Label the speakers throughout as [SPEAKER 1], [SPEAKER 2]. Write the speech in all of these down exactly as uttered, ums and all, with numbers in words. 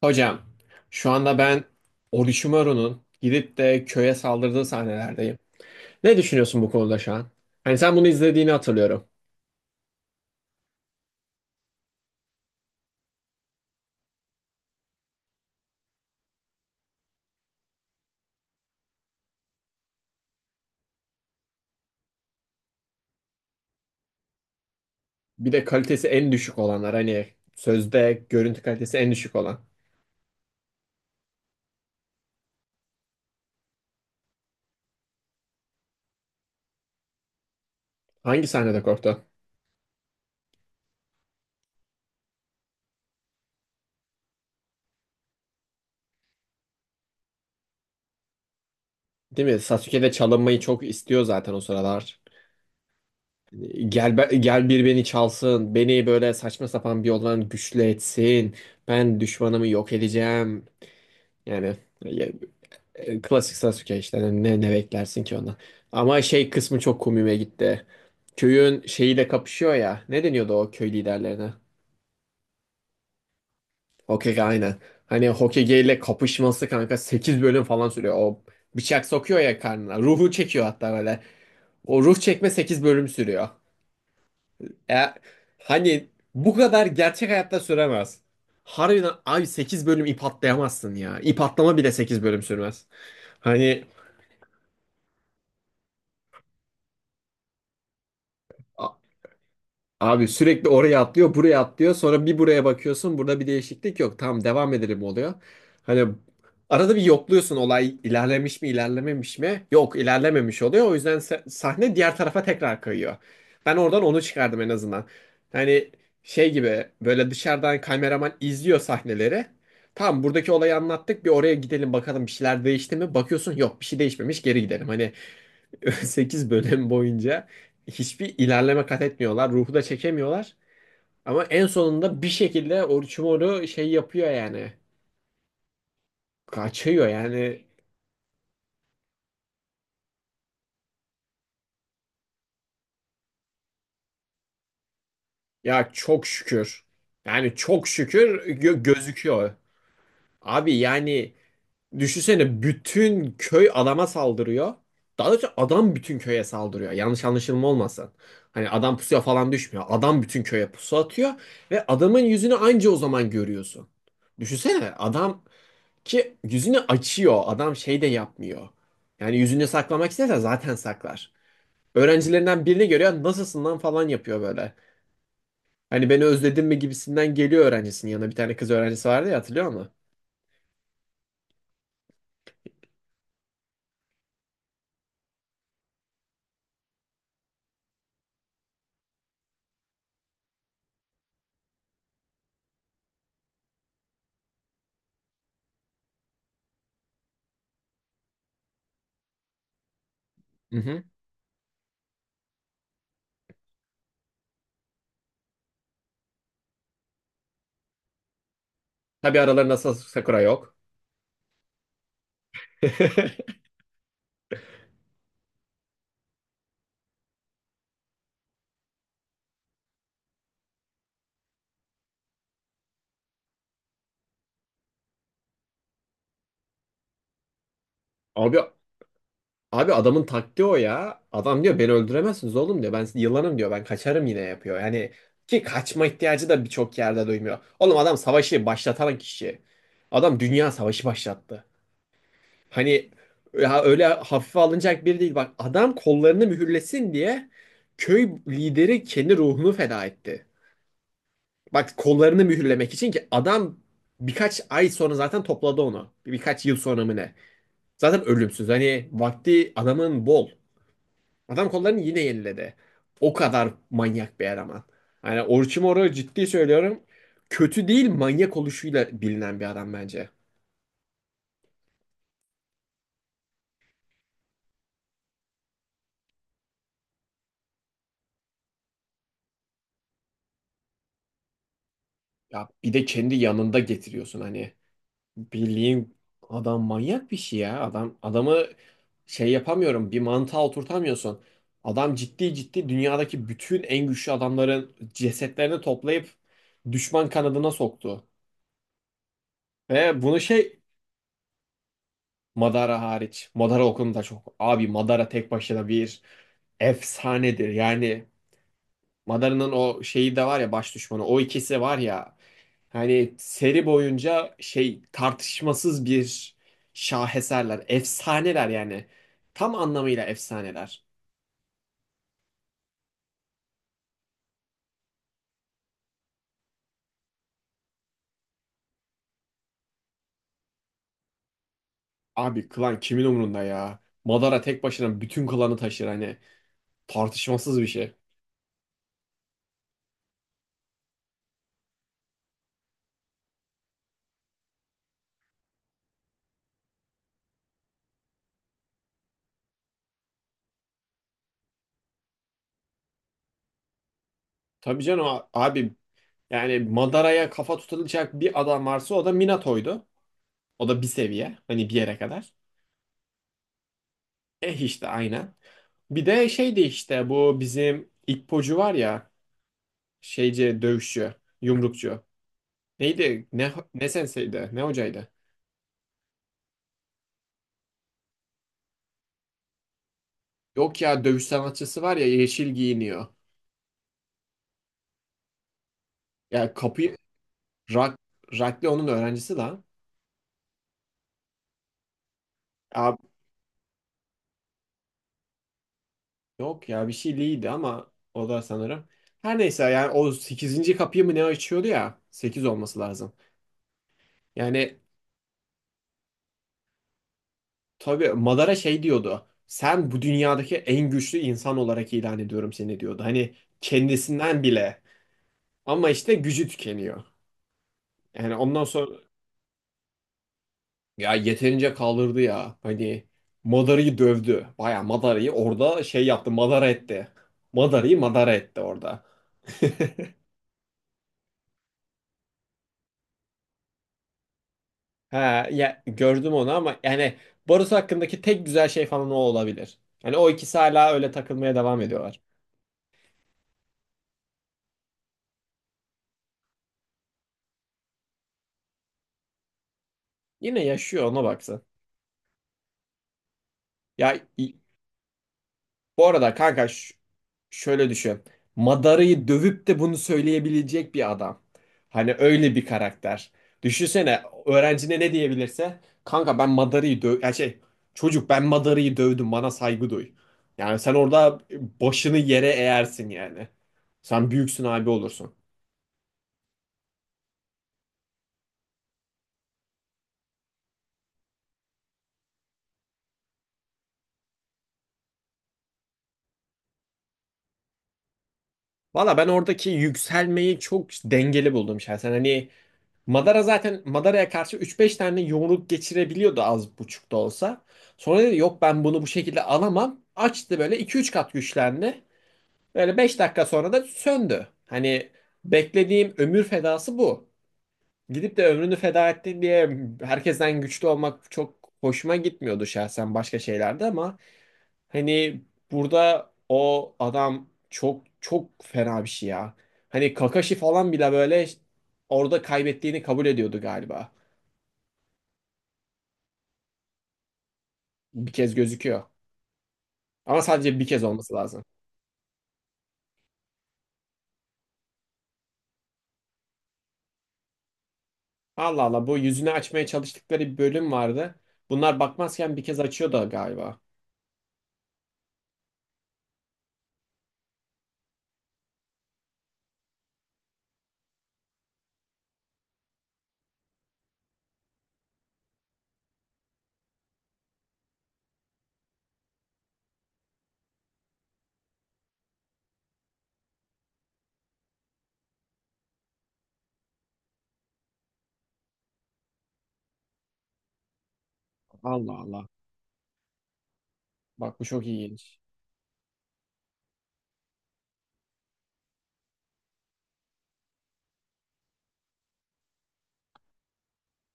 [SPEAKER 1] Hocam, şu anda ben Orochimaru'nun gidip de köye saldırdığı sahnelerdeyim. Ne düşünüyorsun bu konuda şu an? Hani sen bunu izlediğini hatırlıyorum. Bir de kalitesi en düşük olanlar, hani sözde görüntü kalitesi en düşük olan. Hangi sahnede korktun? Değil mi? Sasuke de çalınmayı çok istiyor zaten o sıralar. Hani gel, be- gel bir beni çalsın. Beni böyle saçma sapan bir yoldan güçlü etsin. Ben düşmanımı yok edeceğim. Yani E, klasik Sasuke işte. Hani ne, ne beklersin ki ondan. Ama şey kısmı çok komiğime gitti. Köyün şeyiyle kapışıyor ya. Ne deniyordu o köy liderlerine? Hokage, aynen. Hani Hokage ile kapışması kanka sekiz bölüm falan sürüyor. O bıçak sokuyor ya karnına. Ruhu çekiyor hatta böyle. O ruh çekme sekiz bölüm sürüyor. E, hani bu kadar gerçek hayatta süremez. Harbiden abi sekiz bölüm ip atlayamazsın ya. İp atlama bile sekiz bölüm sürmez. Hani a- abi sürekli oraya atlıyor, buraya atlıyor. Sonra bir buraya bakıyorsun. Burada bir değişiklik yok. Tamam, devam edelim oluyor. Hani arada bir yokluyorsun, olay ilerlemiş mi, ilerlememiş mi? Yok, ilerlememiş oluyor. O yüzden se- sahne diğer tarafa tekrar kayıyor. Ben oradan onu çıkardım en azından. Hani şey gibi, böyle dışarıdan kameraman izliyor sahneleri. Tamam, buradaki olayı anlattık. Bir oraya gidelim, bakalım bir şeyler değişti mi? Bakıyorsun, yok, bir şey değişmemiş, geri gidelim. Hani sekiz bölüm boyunca hiçbir ilerleme kat etmiyorlar. Ruhu da çekemiyorlar. Ama en sonunda bir şekilde Orochimaru şey yapıyor yani. Kaçıyor yani. Ya, çok şükür. Yani çok şükür gö- gözüküyor. Abi yani düşünsene, bütün köy adama saldırıyor. Daha doğrusu adam bütün köye saldırıyor. Yanlış anlaşılma olmasın. Hani adam pusuya falan düşmüyor. Adam bütün köye pusu atıyor ve adamın yüzünü anca o zaman görüyorsun. Düşünsene adam ki yüzünü açıyor. Adam şey de yapmıyor. Yani yüzünü saklamak isterse zaten saklar. Öğrencilerinden birini görüyor. Nasılsın lan falan yapıyor böyle. Hani beni özledin mi gibisinden geliyor öğrencisinin yanına. Bir tane kız öğrencisi vardı ya, hatırlıyor musun? Hı hı. Tabii aralarında Sas- Sakura yok. Abi abi adamın taktiği o ya. Adam diyor beni öldüremezsiniz oğlum diyor. Ben yılanım diyor. Ben kaçarım yine yapıyor. Yani ki kaçma ihtiyacı da birçok yerde duymuyor. Oğlum adam savaşı başlatan kişi. Adam dünya savaşı başlattı. Hani ya öyle hafife alınacak biri değil. Bak, adam kollarını mühürlesin diye köy lideri kendi ruhunu feda etti. Bak, kollarını mühürlemek için ki adam birkaç ay sonra zaten topladı onu. Birkaç yıl sonra mı ne? Zaten ölümsüz. Hani vakti adamın bol. Adam kollarını yine yeniledi. O kadar manyak bir eleman. Hani Orochimaru, ciddi söylüyorum. Kötü değil, manyak oluşuyla bilinen bir adam bence. Ya bir de kendi yanında getiriyorsun hani. Bildiğin adam manyak bir şey ya. Adam adamı şey yapamıyorum. Bir mantığa oturtamıyorsun. Adam ciddi ciddi dünyadaki bütün en güçlü adamların cesetlerini toplayıp düşman kanadına soktu. Ve bunu şey, Madara hariç. Madara okulunda çok. Abi Madara tek başına bir efsanedir. Yani Madara'nın o şeyi de var ya, baş düşmanı. O ikisi var ya. Hani seri boyunca şey, tartışmasız bir şaheserler. Efsaneler yani. Tam anlamıyla efsaneler. Abi klan kimin umrunda ya? Madara tek başına bütün klanı taşır hani. Tartışmasız bir şey. Tabii canım, a- abi yani Madara'ya kafa tutulacak bir adam varsa o da Minato'ydu. O da bir seviye. Hani bir yere kadar. Eh işte aynen. Bir de şeydi işte, bu bizim İppocu var ya. Şeyci, dövüşçü, yumrukçu. Neydi? Ne ne senseydi? Ne hocaydı? Yok ya, dövüş sanatçısı var ya, yeşil giyiniyor. Ya kapıyı, Rak, Rakli onun öğrencisi lan. Ya, yok ya bir şey değildi ama o da sanırım. Her neyse yani o sekizinci kapıyı mı ne açıyordu ya? Sekiz olması lazım. Yani tabii Madara şey diyordu. Sen bu dünyadaki en güçlü insan olarak ilan ediyorum seni diyordu. Hani kendisinden bile. Ama işte gücü tükeniyor. Yani ondan sonra ya yeterince kaldırdı ya. Hani Madara'yı dövdü. Baya Madara'yı orada şey yaptı. Madara etti. Madara'yı Madara etti orada. Ha ya, gördüm onu ama yani barış hakkındaki tek güzel şey falan o olabilir. Hani o ikisi hala öyle takılmaya devam ediyorlar. Yine yaşıyor, ona baksın. Ya, bu arada kanka, ş- şöyle düşün. Madara'yı dövüp de bunu söyleyebilecek bir adam. Hani öyle bir karakter. Düşünsene öğrencine ne diyebilirse. Kanka ben Madara'yı döv... Ya şey, çocuk ben Madara'yı dövdüm, bana saygı duy. Yani sen orada başını yere eğersin yani. Sen büyüksün abi olursun. Valla ben oradaki yükselmeyi çok dengeli buldum şahsen. Hani Madara zaten Madara'ya karşı üç beş tane yumruk geçirebiliyordu, az buçuk da olsa. Sonra dedi yok, ben bunu bu şekilde alamam. Açtı böyle, iki üç kat güçlendi. Böyle beş dakika sonra da söndü. Hani beklediğim ömür fedası bu. Gidip de ömrünü feda etti diye herkesten güçlü olmak çok hoşuma gitmiyordu şahsen başka şeylerde, ama hani burada o adam çok çok fena bir şey ya. Hani Kakashi falan bile böyle orada kaybettiğini kabul ediyordu galiba. Bir kez gözüküyor. Ama sadece bir kez olması lazım. Allah Allah, bu yüzünü açmaya çalıştıkları bir bölüm vardı. Bunlar bakmazken bir kez açıyordu galiba. Allah Allah. Bak, bu çok ilginç.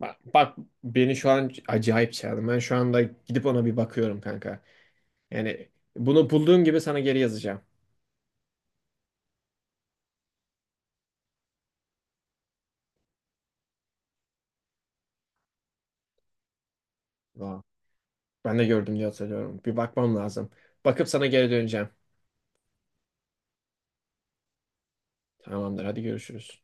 [SPEAKER 1] Bak, bak, beni şu an acayip çağırdı. Ben şu anda gidip ona bir bakıyorum kanka. Yani bunu bulduğum gibi sana geri yazacağım. Vay. Ben de gördüm diye hatırlıyorum. Bir bakmam lazım. Bakıp sana geri döneceğim. Tamamdır, hadi görüşürüz.